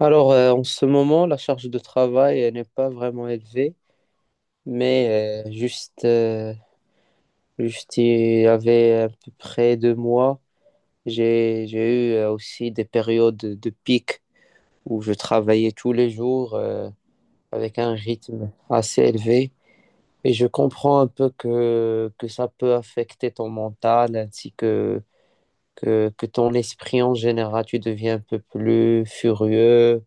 En ce moment, la charge de travail elle n'est pas vraiment élevée, mais juste il y avait à peu près deux mois, j'ai eu aussi des périodes de pic où je travaillais tous les jours avec un rythme assez élevé. Et je comprends un peu que ça peut affecter ton mental ainsi que ton esprit en général. Tu deviens un peu plus furieux,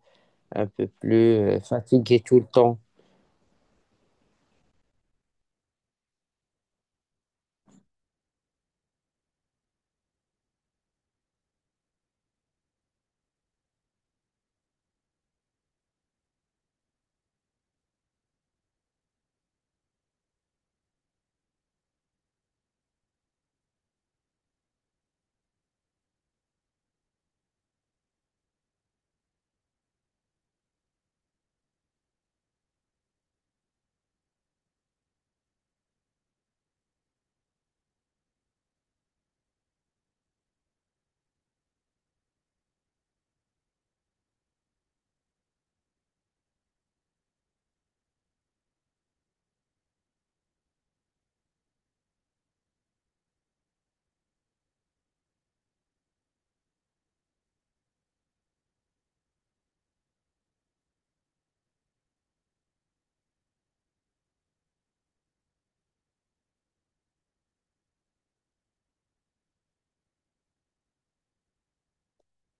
un peu plus fatigué tout le temps.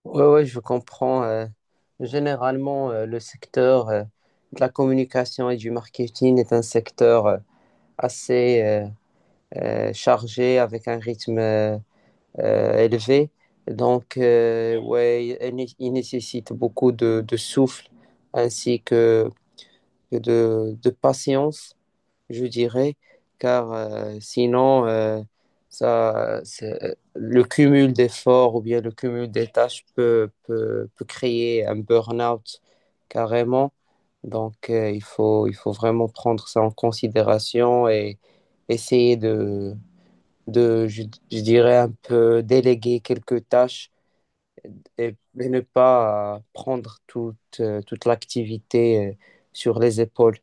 Ouais, ouais, je comprends. Généralement, le secteur de la communication et du marketing est un secteur assez chargé avec un rythme élevé. Donc, ouais, il nécessite beaucoup de souffle ainsi que, que de patience je dirais, car sinon, le cumul d'efforts ou bien le cumul des tâches peut créer un burn-out carrément. Donc, il faut vraiment prendre ça en considération et essayer de, je dirais, un peu déléguer quelques tâches et ne pas prendre toute, toute l'activité sur les épaules.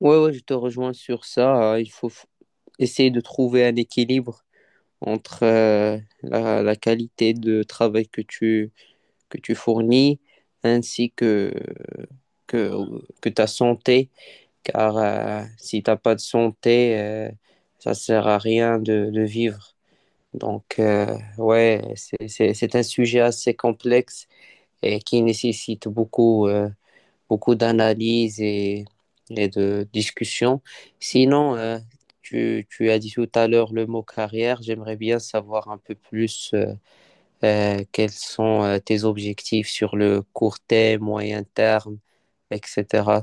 Ouais, ouais, je te rejoins sur ça. Il faut essayer de trouver un équilibre entre la, la qualité de travail que tu fournis ainsi que, que, que ta santé. Car si t'as pas de santé, ça sert à rien de vivre. Donc, ouais, c'est un sujet assez complexe et qui nécessite beaucoup. Beaucoup d'analyses et de discussions. Sinon, tu, tu as dit tout à l'heure le mot carrière. J'aimerais bien savoir un peu plus quels sont tes objectifs sur le court terme, moyen terme, etc.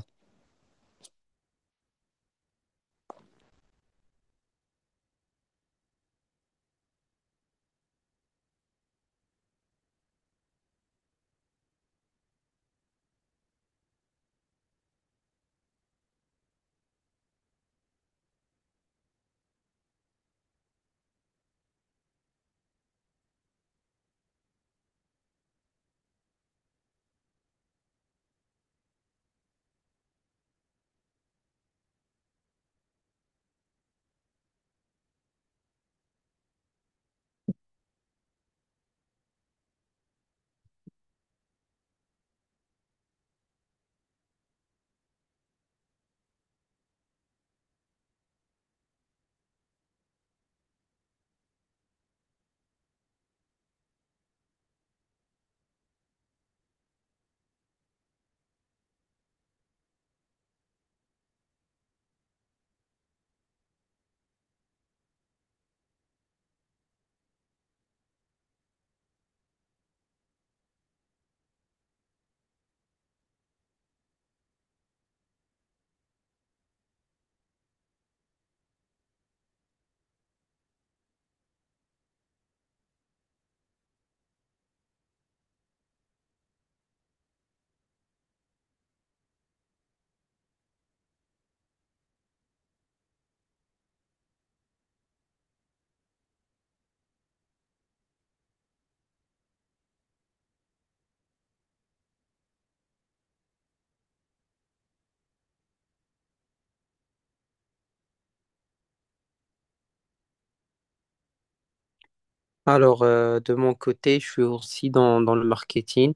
Alors, de mon côté, je suis aussi dans, dans le marketing.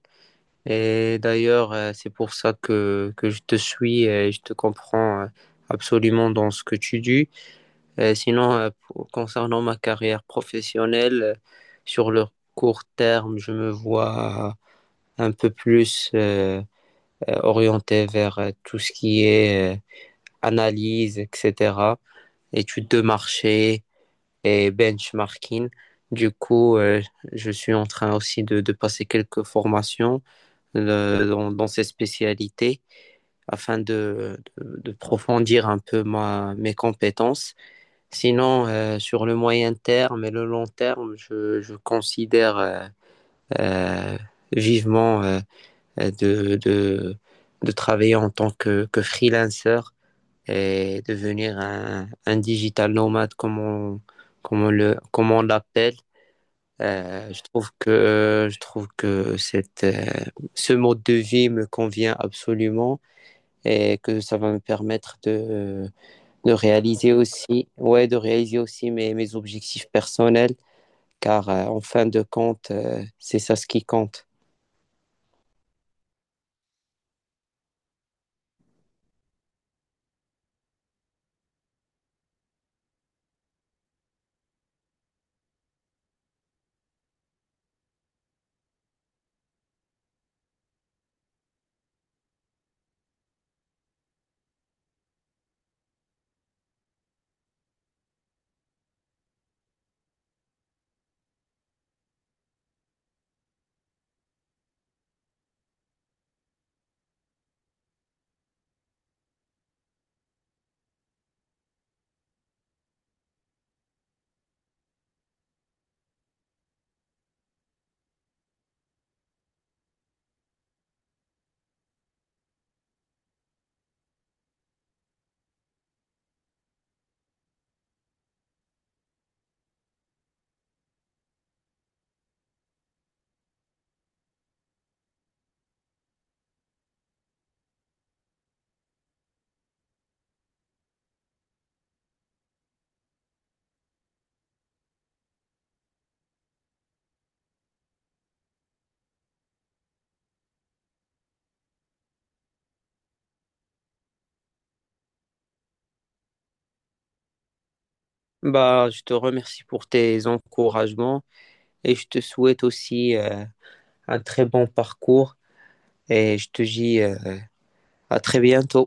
Et d'ailleurs, c'est pour ça que je te suis et je te comprends absolument dans ce que tu dis. Concernant ma carrière professionnelle, sur le court terme, je me vois un peu plus orienté vers tout ce qui est analyse, etc., études de marché et benchmarking. Du coup, je suis en train aussi de passer quelques formations dans, dans ces spécialités afin de approfondir un peu ma, mes compétences. Sinon, sur le moyen terme et le long terme, je considère euh, vivement euh, de, de, de travailler en tant que freelancer et devenir un digital nomade, comme on, comme on l'appelle. Je trouve que, je trouve que cette, ce mode de vie me convient absolument et que ça va me permettre de réaliser aussi, ouais, de réaliser aussi mes, mes objectifs personnels, car en fin de compte, c'est ça ce qui compte. Bah, je te remercie pour tes encouragements et je te souhaite aussi un très bon parcours et je te dis à très bientôt.